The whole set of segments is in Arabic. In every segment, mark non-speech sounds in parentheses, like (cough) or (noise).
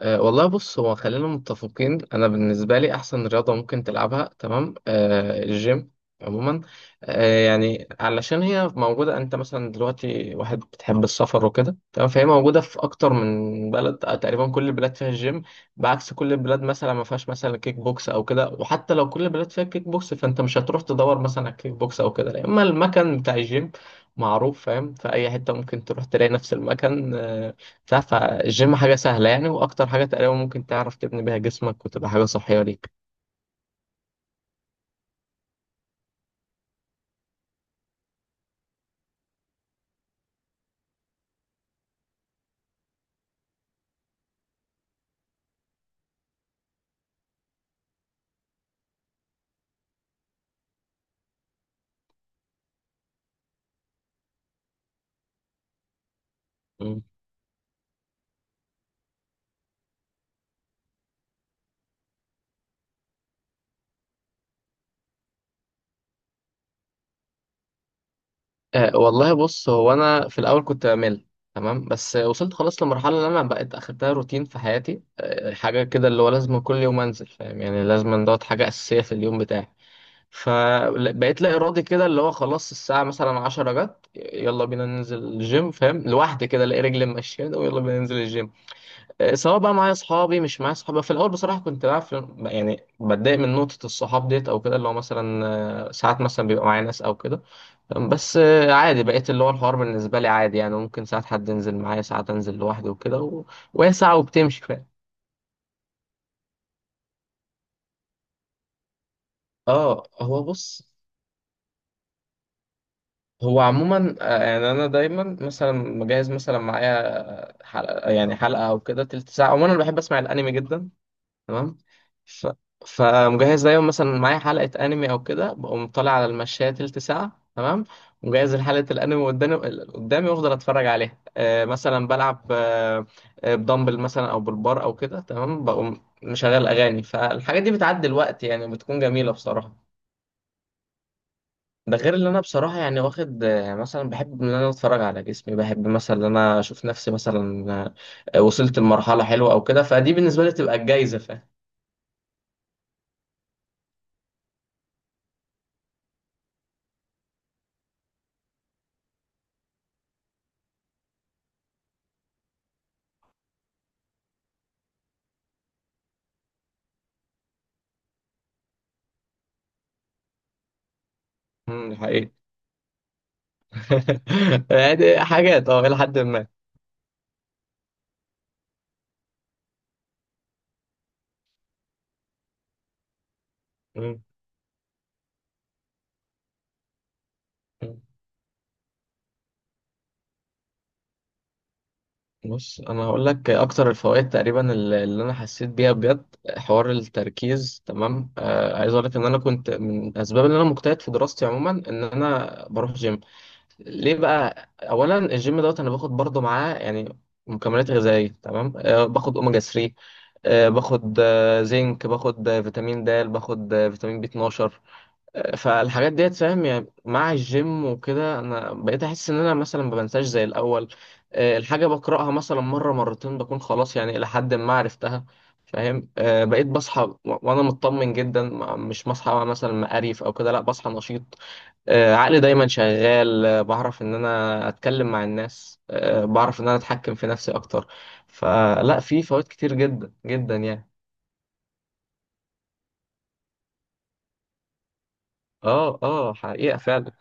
والله، بص هو خلينا متفقين. انا بالنسبه لي احسن رياضه ممكن تلعبها، تمام، الجيم عموما. يعني علشان هي موجوده، انت مثلا دلوقتي واحد بتحب السفر وكده، تمام، فهي موجوده في اكتر من بلد، تقريبا كل البلاد فيها الجيم. بعكس كل البلاد مثلا ما فيهاش مثلا كيك بوكس او كده. وحتى لو كل البلاد فيها كيك بوكس، فانت مش هتروح تدور مثلا على كيك بوكس او كده، لا، اما المكان بتاع الجيم معروف، فاهم؟ في اي حته ممكن تروح تلاقي نفس المكان بتاع فالجيم حاجة سهلة يعني. وأكتر حاجة تقريبا ممكن تعرف تبني بيها جسمك وتبقى حاجة صحية ليك. مم. والله، بص هو أنا في الأول كنت بمل، تمام، بس وصلت خلاص لمرحلة اللي أنا بقيت أخدتها روتين في حياتي، حاجة كده اللي هو لازم كل يوم أنزل، فاهم يعني. لازم دوت حاجة أساسية في اليوم بتاعي. فبقيت لا إرادي كده اللي هو خلاص، الساعة مثلا 10 جت، يلا بينا ننزل الجيم، فاهم؟ لوحدي كده الاقي رجلي ماشية ويلا بينا ننزل الجيم. سواء بقى معايا اصحابي مش معايا اصحابي، في الاول بصراحه كنت بقى في يعني بتضايق من نقطه الصحاب ديت او كده اللي هو مثلا، ساعات مثلا بيبقى معايا ناس او كده. بس عادي، بقيت اللي هو الحوار بالنسبه لي عادي يعني، ممكن ساعات حد ينزل معايا، ساعات انزل لوحدي وكده و... وهي ساعه وبتمشي، فاهم. اه هو بص، هو عموما يعني انا دايما مثلا مجهز مثلا معايا حلقه يعني حلقه او كده تلت ساعه. عموما انا بحب اسمع الانمي جدا، تمام. ف... فمجهز دايما مثلا معايا حلقة أنمي أو كده، بقوم طالع على المشاية تلت ساعة، تمام، ومجهز حلقة الأنمي قدامي قدامي وأفضل أتفرج عليها. مثلا بلعب، بدمبل مثلا أو بالبار أو كده، تمام، بقوم مشغل أغاني. فالحاجات دي بتعدي الوقت يعني، بتكون جميلة بصراحة. ده غير اللي انا بصراحه يعني واخد، مثلا بحب ان انا اتفرج على جسمي، بحب مثلا ان انا اشوف نفسي مثلا، وصلت لمرحله حلوه او كده، فدي بالنسبه لي تبقى الجايزه، فاهم. مم، دي حقيقة. (laughs) يعني حاجات إلى حد ما. مم. مم. بص، أنا هقول لك أكتر الفوائد تقريبا اللي أنا حسيت بيها بجد، حوار التركيز، تمام. عايز أقول لك إن أنا كنت من الأسباب اللي أنا مجتهد في دراستي عموما إن أنا بروح جيم. ليه بقى؟ أولا الجيم دوت، أنا باخد برضه معاه يعني مكملات غذائية، تمام. باخد أوميجا 3، باخد زنك، باخد فيتامين د، باخد فيتامين بي 12. فالحاجات ديت فاهم يعني، مع الجيم وكده انا بقيت احس ان انا مثلا ما بنساش زي الاول. الحاجه بقراها مثلا مره مرتين بكون خلاص، يعني الى حد ما عرفتها، فاهم. بقيت بصحى و- وانا مطمن جدا، مش بصحى مثلا مقريف او كده، لا، بصحى نشيط. عقلي دايما شغال، بعرف ان انا اتكلم مع الناس، بعرف ان انا اتحكم في نفسي اكتر. فلا، في فوائد كتير جدا جدا يعني. اه اه، حقيقه فعلا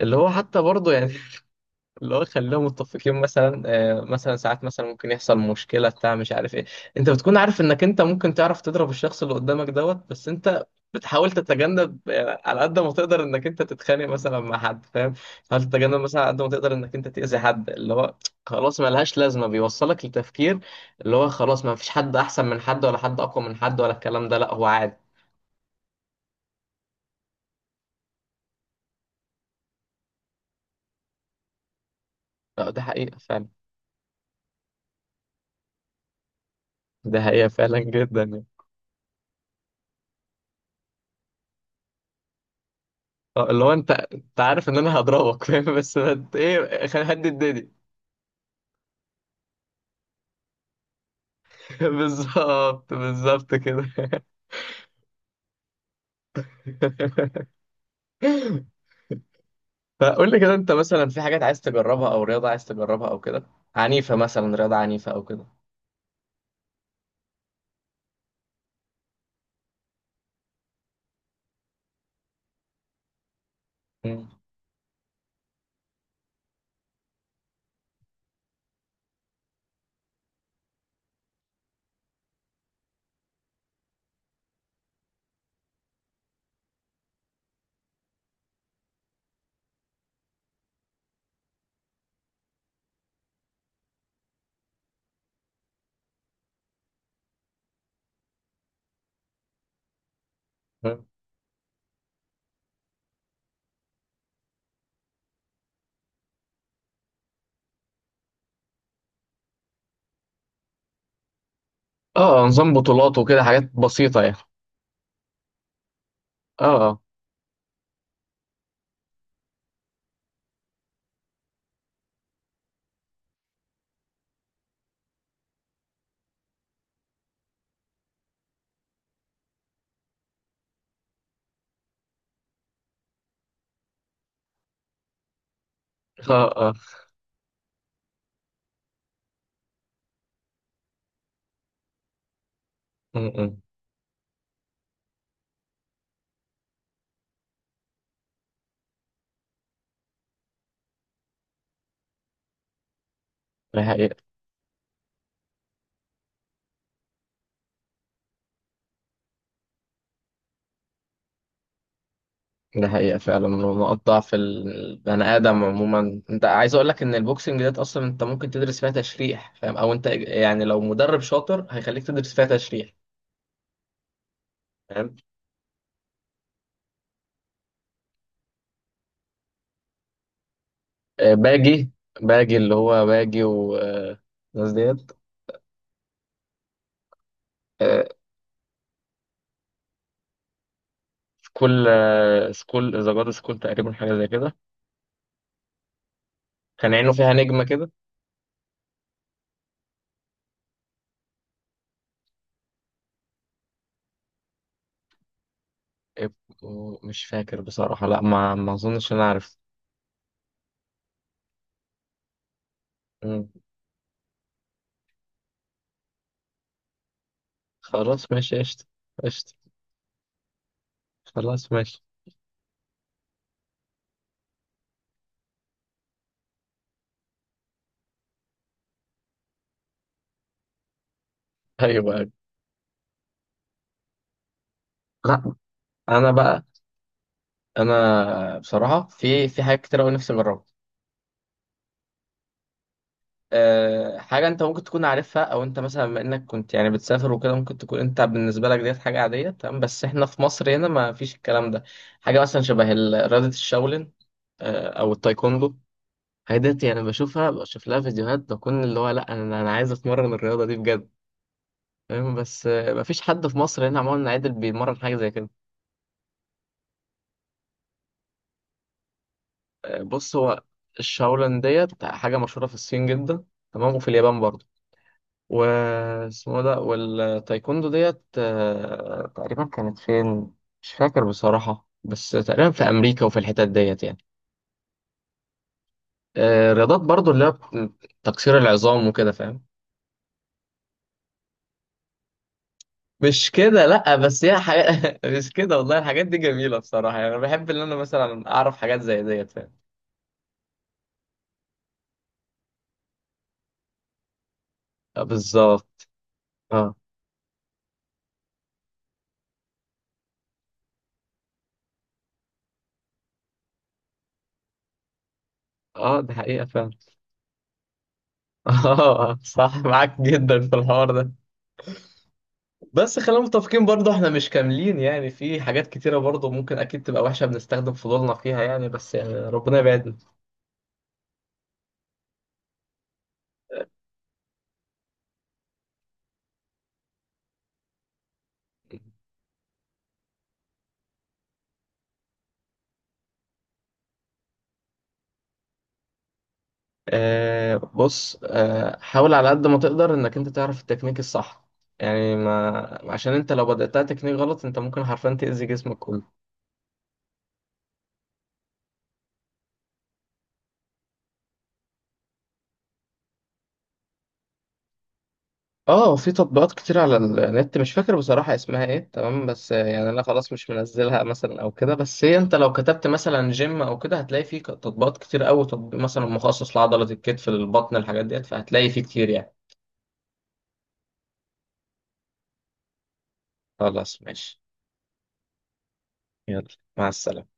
اللي هو حتى برضه يعني. (laughs) اللي هو خليهم متفقين مثلا، مثلا ساعات مثلا ممكن يحصل مشكلة بتاع مش عارف ايه. انت بتكون عارف انك انت ممكن تعرف تضرب الشخص اللي قدامك دوت، بس انت بتحاول تتجنب، على قد ما تقدر انك انت تتخانق مثلا مع حد، فاهم. حاول تتجنب مثلا على قد ما تقدر انك انت تأذي حد، اللي هو خلاص ملهاش لازمة. بيوصلك لتفكير اللي هو خلاص، ما فيش حد احسن من حد، ولا حد اقوى من حد، ولا الكلام ده، لا، هو عادي. لا، ده حقيقة فعلا. ده حقيقة فعلا جدا. اه، اللي هو انت عارف ان انا هضربك، فاهم، بس انت ايه؟ خلي حد يداني! (laughs) بالظبط بالظبط كده. (laughs) فقول لي كده، انت مثلا في حاجات عايز تجربها او رياضة عايز تجربها او كده؟ عنيفة مثلا، رياضة عنيفة او كده. مم. مم. اه، نظام بطولات وكده، حاجات بسيطة يعني. اه. اه. اه. اه. م- م. ده حقيقة. ده حقيقة فعلا. نقط ضعف البني آدم عموما، انت عايز اقول لك ان البوكسنج ديت اصلا انت ممكن تدرس فيها تشريح، فاهم، او انت يعني لو مدرب شاطر هيخليك تدرس فيها تشريح، فاهم. باجي، باجي اللي هو باجي والناس ديت. آه، سكول، سكول ذا جاد سكول، تقريبا حاجة زي كده، كان عينه فيها نجمة كده. مش فاكر بصراحة، لا، ما اظنش انا عارف. مم. خلاص ماشي، قشطة. قشطة. خلاص ماشي. ايوه. أيوة. لا، انا بقى، انا بصراحه في حاجات كتير قوي نفسي اجربها. حاجه انت ممكن تكون عارفها، او انت مثلا بما انك كنت يعني بتسافر وكده، ممكن تكون انت بالنسبه لك ديت حاجه عاديه، تمام، بس احنا في مصر هنا ما فيش الكلام ده. حاجه مثلا شبه رياضه الشاولين، او التايكوندو. الحاجات ديت يعني بشوفها، بشوف لها فيديوهات، بكون اللي هو لا، انا عايز اتمرن الرياضه دي بجد، فاهم، بس ما فيش حد في مصر هنا عموما عادل بيمرن حاجه زي كده. بص هو، الشاولين ديت حاجه مشهوره في الصين جدا، تمام، وفي اليابان برضه واسمه ده. والتايكوندو ديت تقريبا كانت فين؟ مش فاكر بصراحة، بس تقريبا في أمريكا وفي الحتت ديت يعني. رياضات برضو اللي هي تكسير العظام وكده، فاهم. مش كده، لأ، بس هي حاجة (laughs) مش كده والله. الحاجات دي جميلة بصراحة يعني، أنا بحب إن أنا مثلا أعرف حاجات زي ديت، فاهم. بالظبط. اه اه، دي حقيقة فعلا. (laughs) اه صح، معاك جدا في الحوار ده. بس خلينا متفقين، برضه احنا مش كاملين يعني، في حاجات كتيرة برضه ممكن أكيد تبقى وحشة بنستخدم فضولنا فيها يعني، بس يعني ربنا يبعدنا. بص، حاول على قد ما تقدر إنك أنت تعرف التكنيك الصح. يعني ما عشان أنت لو بدأتها تكنيك غلط، أنت ممكن حرفيا تأذي جسمك كله. اه، في تطبيقات كتير على النت. مش فاكر بصراحة اسمها ايه، تمام، بس يعني انا خلاص مش منزلها مثلا او كده، بس هي انت لو كتبت مثلا جيم او كده، هتلاقي فيه تطبيقات كتير قوي، تطبيق مثلا مخصص لعضلة الكتف، للبطن، الحاجات ديت، فهتلاقي فيه كتير يعني. خلاص ماشي. يلا، مع السلامة.